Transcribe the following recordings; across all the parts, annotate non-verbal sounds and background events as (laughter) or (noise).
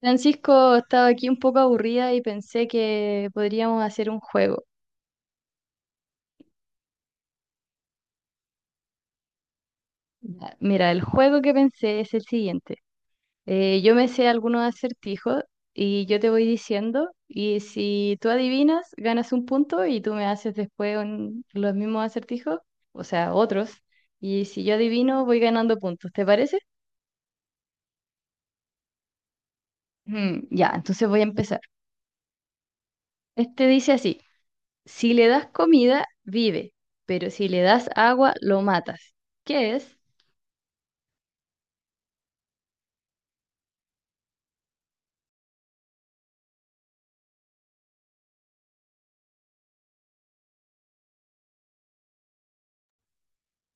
Francisco, estaba aquí un poco aburrida y pensé que podríamos hacer un juego. Ya, mira, el juego que pensé es el siguiente. Yo me sé algunos acertijos y yo te voy diciendo y si tú adivinas, ganas un punto y tú me haces después los mismos acertijos, o sea, otros. Y si yo adivino, voy ganando puntos. ¿Te parece? Ya, entonces voy a empezar. Este dice así, si le das comida, vive, pero si le das agua, lo matas. ¿Qué es?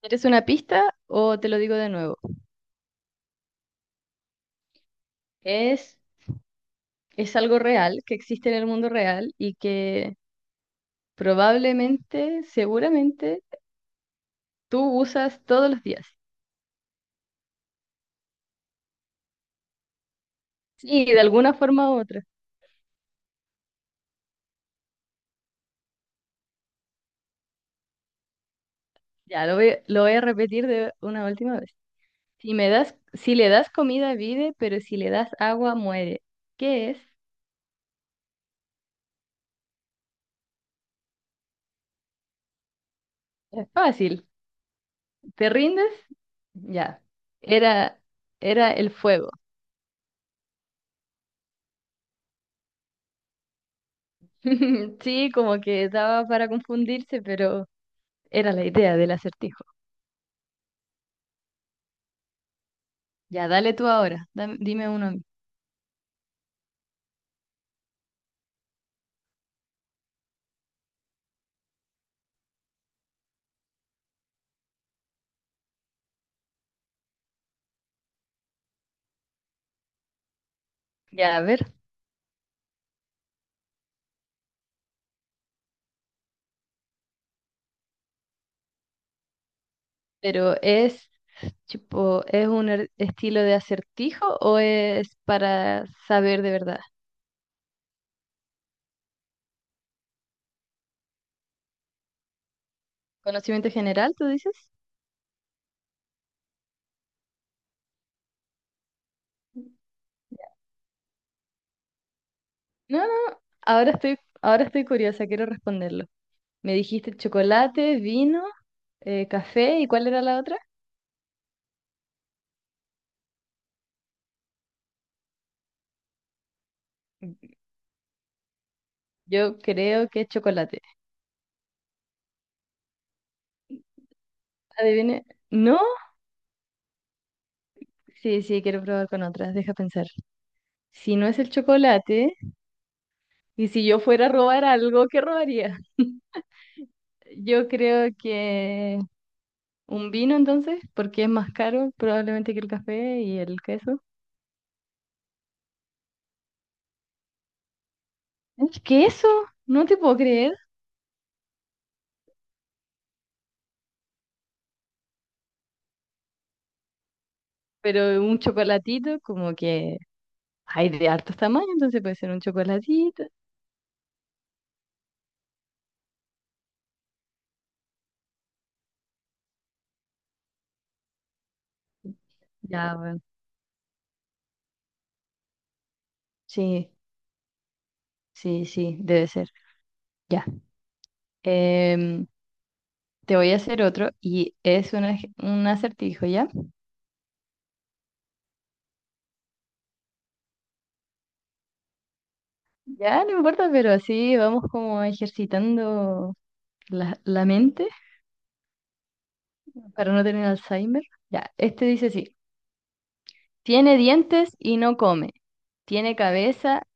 ¿Quieres una pista o te lo digo de nuevo? Es, es algo real, que existe en el mundo real y que probablemente, seguramente, tú usas todos los días. Sí, de alguna forma u otra. Ya, lo voy a repetir de una última vez. Si me das, si le das comida, vive, pero si le das agua, muere. ¿Qué es? Es fácil. ¿Te rindes? Ya. Era, era el fuego. (laughs) Sí, como que daba para confundirse, pero... Era la idea del acertijo. Ya, dale tú ahora. Dime uno a mí. Ya, a ver. Pero es, tipo, ¿es un estilo de acertijo o es para saber de verdad? ¿Conocimiento general, tú dices? No, no. Ahora estoy curiosa, quiero responderlo. Me dijiste chocolate, vino, café, ¿y cuál era la otra? Yo creo que es chocolate. Adivine. ¿No? Sí, sí, quiero probar con otras. Deja pensar. Si no es el chocolate. Y si yo fuera a robar algo, ¿qué robaría? Yo creo que un vino entonces, porque es más caro probablemente que el café y el queso. ¿El queso? No te puedo creer, pero un chocolatito como que hay de hartos tamaños, entonces puede ser un chocolatito. Ya, bueno. Sí, sí, sí, debe ser. Ya. Em, Te voy a hacer otro y es un, un acertijo, ¿ya? Ya, no importa, pero así vamos como ejercitando la, la mente. Para no tener Alzheimer. Ya, este dice así, tiene dientes y no come, tiene cabeza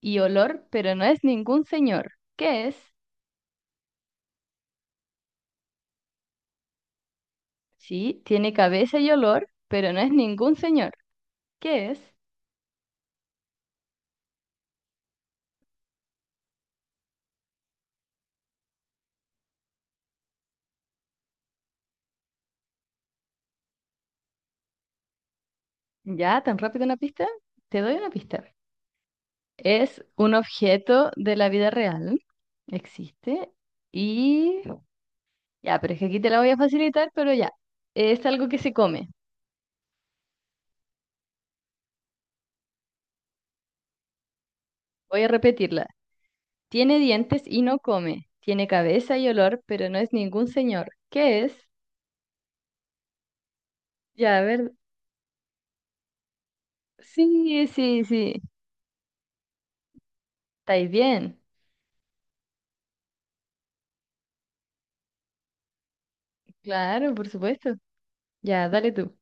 y olor, pero no es ningún señor. ¿Qué es? Sí, tiene cabeza y olor, pero no es ningún señor. ¿Qué es? Ya, tan rápido una pista, te doy una pista. Es un objeto de la vida real, existe, y ya, pero es que aquí te la voy a facilitar, pero ya, es algo que se come. Voy a repetirla. Tiene dientes y no come. Tiene cabeza y olor, pero no es ningún señor. ¿Qué es? Ya, a ver. Sí, sí, sí. ¿Estáis bien? Claro, por supuesto. Ya, dale tú.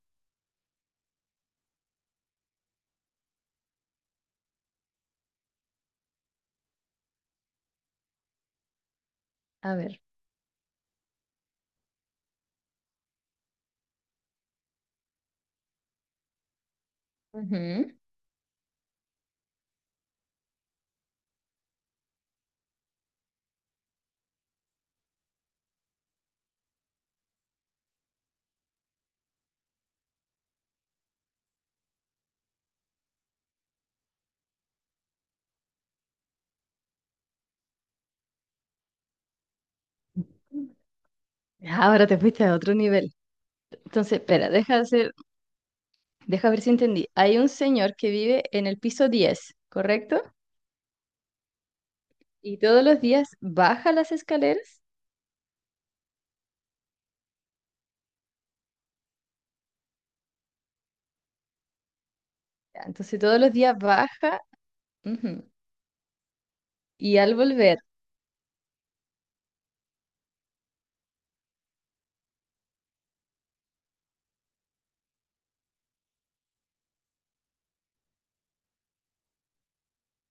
A ver. Ujú. Ahora te fuiste a otro nivel. Entonces, espera, deja hacer, deja ver si entendí. Hay un señor que vive en el piso 10, ¿correcto? Y todos los días baja las escaleras. Ya, entonces, todos los días baja. Ujú. Y al volver.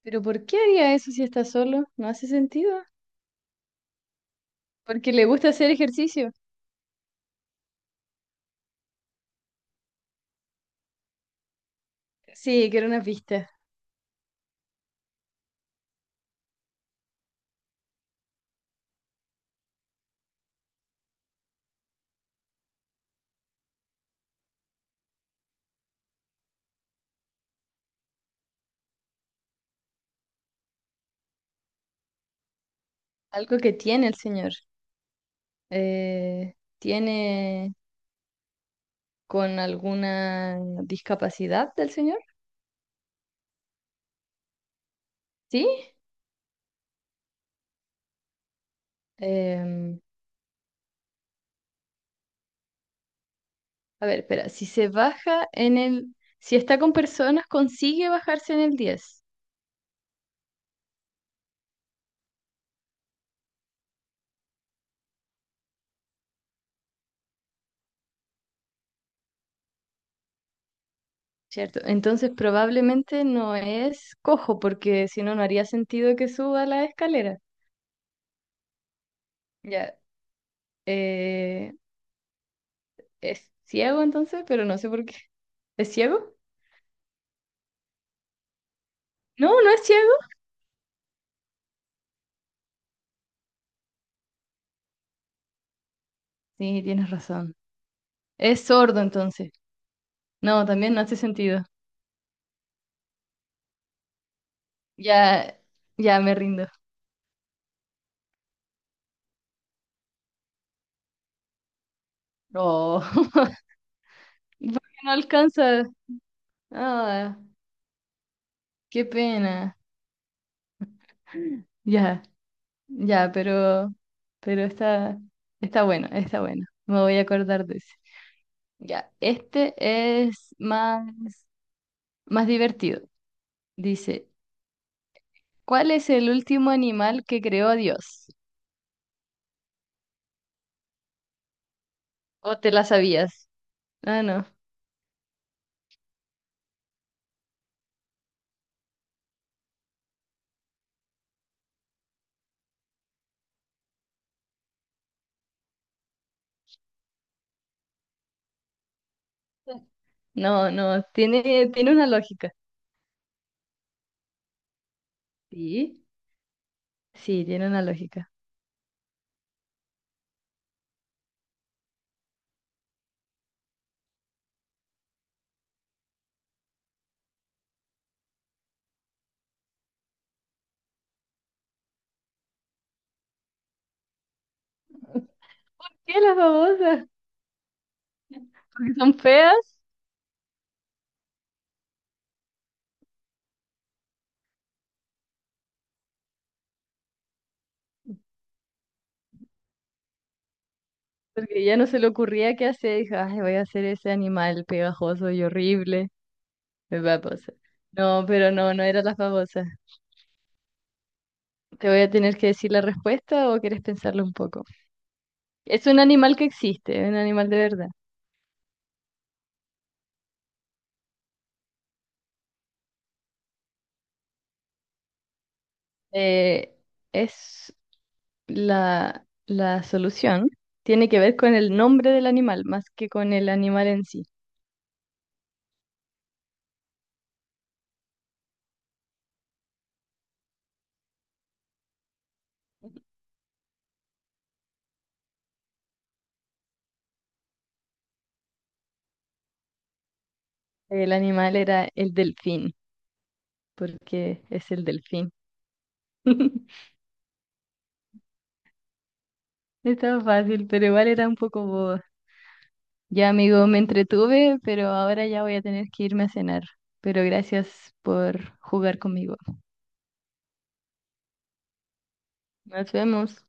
¿Pero por qué haría eso si está solo? No hace sentido. Porque le gusta hacer ejercicio. Sí, quiero una pista. Algo que tiene el señor. ¿Tiene con alguna discapacidad del señor? Sí. Em, a ver, espera. Si se baja en el... Si está con personas, consigue bajarse en el diez, ¿cierto? Entonces probablemente no es cojo, porque si no, no haría sentido que suba la escalera. Ya. Eh, ¿Es ciego entonces? Pero no sé por qué. ¿Es ciego? No, no es ciego. Sí, tienes razón. Es sordo entonces. No, también no hace sentido. Ya, ya me rindo. Oh, (laughs) porque no alcanza. Ah, qué pena. Ya, ya, pero está, está bueno, está bueno. Me voy a acordar de ese. Ya, este es más, más divertido. Dice, ¿cuál es el último animal que creó Dios? ¿O te la sabías? Ah, no. No, no, tiene, tiene una lógica. Sí. Sí, tiene una lógica. ¿Por qué las babosas? Porque son feas, porque ya no se le ocurría qué hacer. Dijo, ay, voy a hacer ese animal pegajoso y horrible. Es babosa. No, pero no, no era las babosas. ¿Te voy a tener que decir la respuesta o quieres pensarlo un poco? Es un animal que existe, es un animal de verdad. Eh, es la, la solución. Tiene que ver con el nombre del animal, más que con el animal en sí. El animal era el delfín, porque es el delfín. (laughs) Estaba fácil, pero igual era un poco boba. Ya, amigo, me entretuve, pero ahora ya voy a tener que irme a cenar. Pero gracias por jugar conmigo. Nos vemos.